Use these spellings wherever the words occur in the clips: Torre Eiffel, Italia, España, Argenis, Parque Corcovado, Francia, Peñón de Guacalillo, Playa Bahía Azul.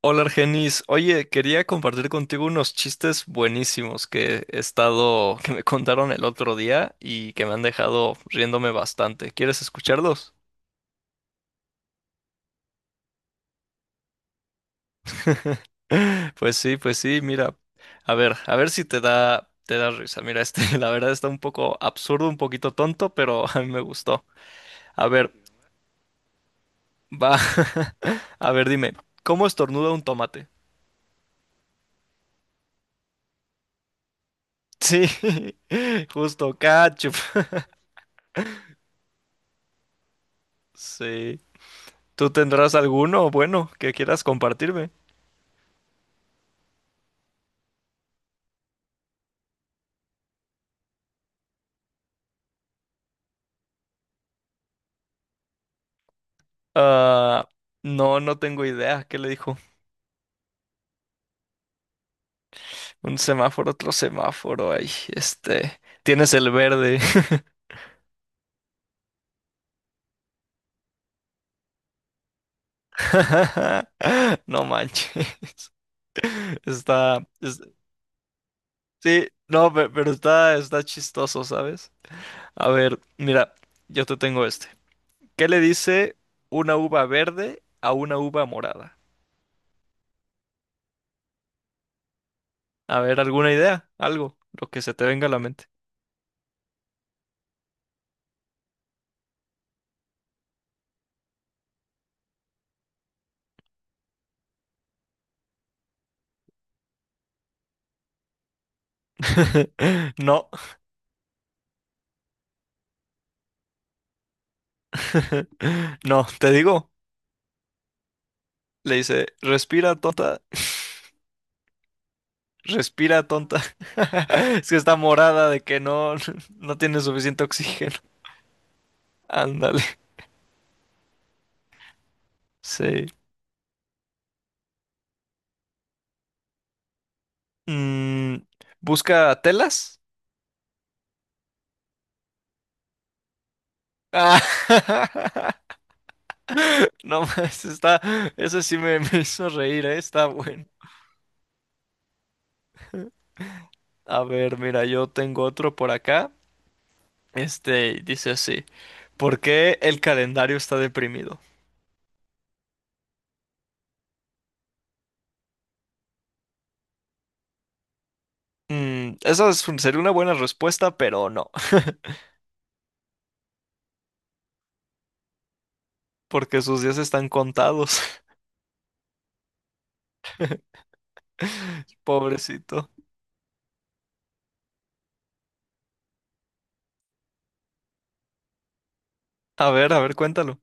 Hola Argenis, oye, quería compartir contigo unos chistes buenísimos que me contaron el otro día y que me han dejado riéndome bastante. ¿Quieres escucharlos? Pues sí, mira, a ver si te da risa. Mira, este, la verdad está un poco absurdo, un poquito tonto, pero a mí me gustó. A ver, va, a ver, dime, ¿cómo estornuda un tomate? Sí, justo, ketchup. Sí. ¿Tú tendrás alguno bueno que quieras compartirme? Ah, no, no tengo idea. ¿Qué le dijo? Un semáforo, otro semáforo. Ay, este, tienes el verde. ¡No manches! Está, es- sí, no, pero está, está chistoso, ¿sabes? A ver, mira, yo te tengo este. ¿Qué le dice una uva verde a una uva morada? A ver, ¿alguna idea? Algo, lo que se te venga a la mente. No. No, te digo, le dice, respira tonta, respira tonta. Es que está morada de que no, no tiene suficiente oxígeno. Ándale, sí. Mm, ¿busca telas? Ah, no más, está, me hizo reír, ¿eh? Está bueno. A ver, mira, yo tengo otro por acá. Este dice así, ¿por qué el calendario está deprimido? Mm, sería una buena respuesta, pero no. Porque sus días están contados. Pobrecito. A ver, cuéntalo.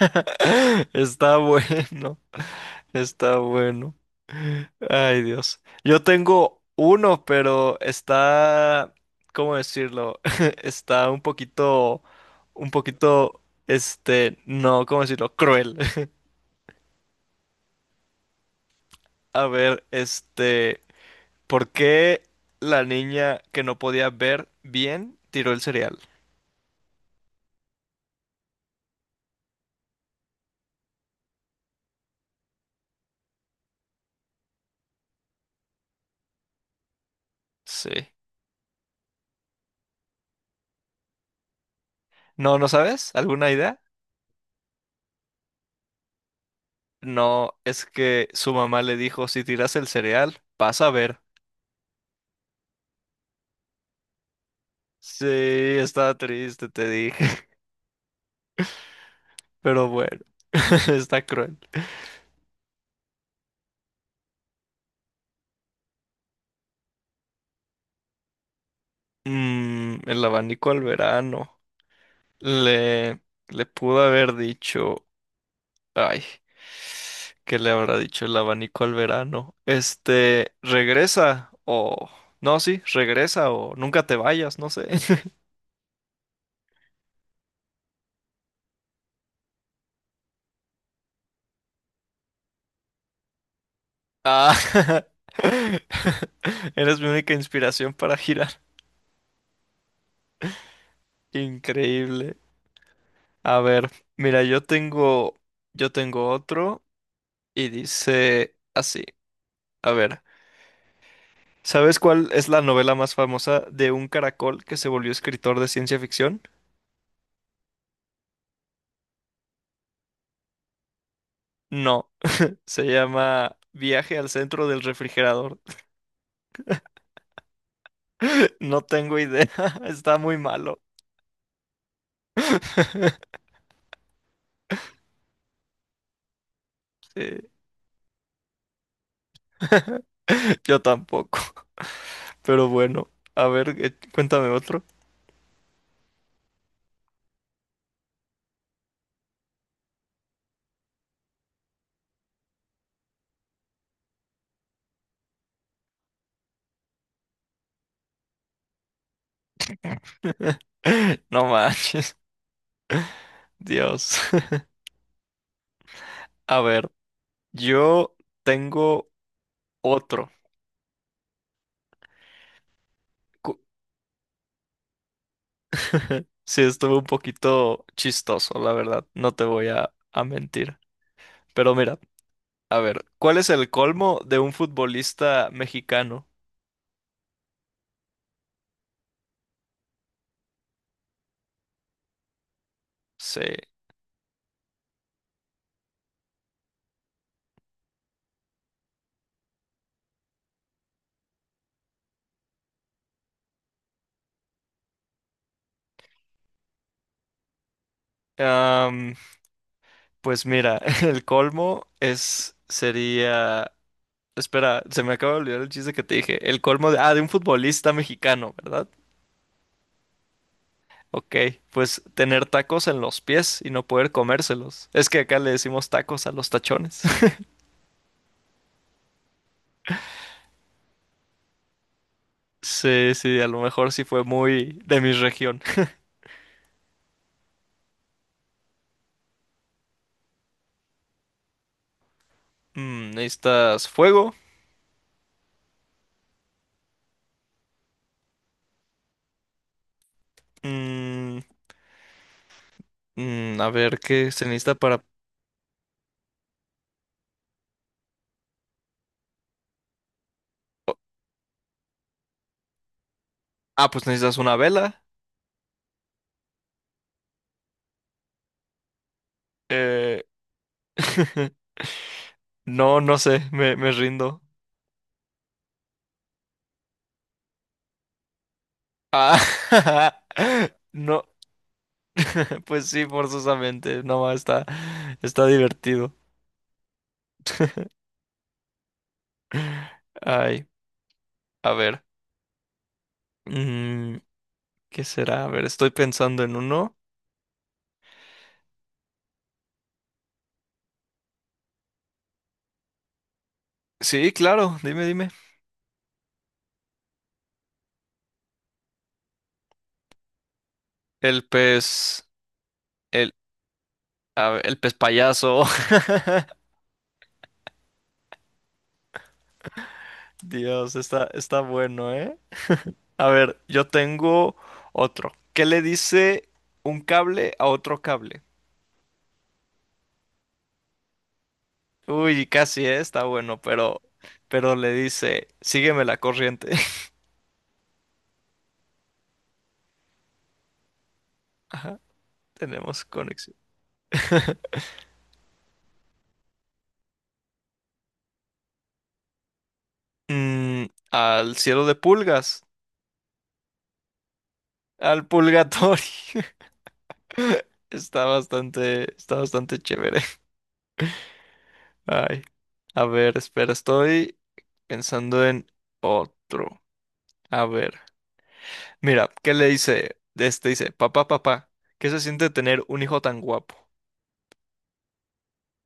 Está bueno, está bueno. Ay, Dios. Yo tengo uno, pero está, ¿cómo decirlo? Está un poquito, este, no, ¿cómo decirlo? Cruel. A ver, este, ¿por qué la niña que no podía ver bien tiró el cereal? Sí. No, ¿no sabes? ¿Alguna idea? No, es que su mamá le dijo, si tiras el cereal, vas a ver. Sí, está triste, te dije. Pero bueno, está cruel. Mm, el abanico al verano. Le, le pudo haber dicho, ay, ¿qué le habrá dicho el abanico al verano? Este, regresa o... No, sí, regresa o nunca te vayas, no sé. Ah, eres mi única inspiración para girar. Increíble. A ver, mira, yo tengo otro y dice así. A ver, ¿sabes cuál es la novela más famosa de un caracol que se volvió escritor de ciencia ficción? No, se llama Viaje al centro del refrigerador. No tengo idea, está muy malo. Sí, yo tampoco. Pero bueno, a ver, cuéntame otro. ¡No manches, Dios! A ver, yo tengo otro. Cu- Sí, estuvo un poquito chistoso, la verdad, no te voy a mentir. Pero mira, a ver, ¿cuál es el colmo de un futbolista mexicano? Sí. am, pues mira, sería, espera, se me acaba de olvidar el chiste que te dije. El colmo de, ah, de un futbolista mexicano, ¿verdad? Ok, pues tener tacos en los pies y no poder comérselos. Es que acá le decimos tacos a los tachones. Sí, sí, a lo mejor sí fue muy de mi región. Mm, necesitas fuego. Mm, a ver, ¿qué se necesita para... Ah, pues necesitas una vela. Eh, No, no sé, me rindo. Ah, no. Pues sí, forzosamente. No, está, está divertido. Ay, a ver. Mm, ¿qué será? A ver, estoy pensando en uno. Sí, claro, dime, dime. El pez. El, a ver, el pez payaso. Dios, está, está bueno, ¿eh? A ver, yo tengo otro. ¿Qué le dice un cable a otro cable? Uy, casi, está bueno, pero le dice, sígueme la corriente. Ajá, tenemos conexión. Mm, al cielo de pulgas, al purgatorio. Está bastante chévere. Ay, a ver, espera, estoy pensando en otro. A ver, mira, ¿qué le dice? Este dice, papá, papá, ¿qué se siente tener un hijo tan guapo?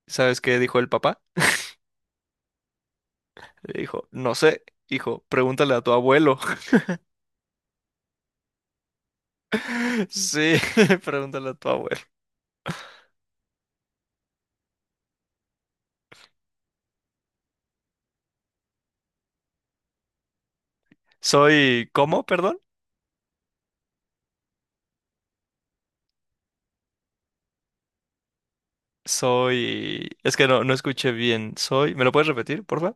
¿Sabes qué dijo el papá? Le dijo, no sé, hijo, pregúntale a tu abuelo. Sí, pregúntale a tu abuelo. Soy, ¿cómo? Perdón. Soy, es que no, no escuché bien. Soy, ¿me lo puedes repetir, porfa?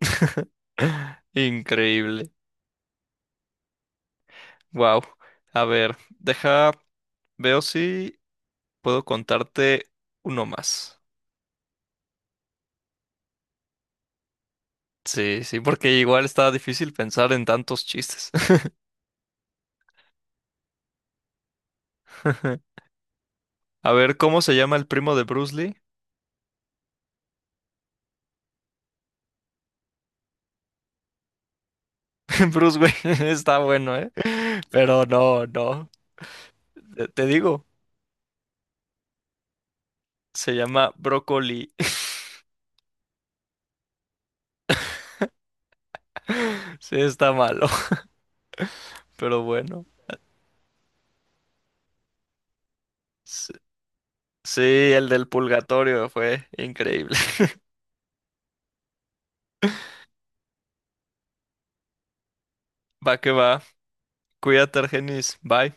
Increíble. Wow. A ver, deja, veo si puedo contarte uno más. Sí, sí, porque igual está difícil pensar en tantos chistes. A ver, ¿cómo se llama el primo de Bruce Lee? Bruce Wayne, está bueno, ¿eh? Pero no, no. Te digo, se llama brócoli. Sí, está malo, pero bueno. Sí, sí, el del purgatorio fue increíble. Va que va. Cuídate, Argenis. Bye.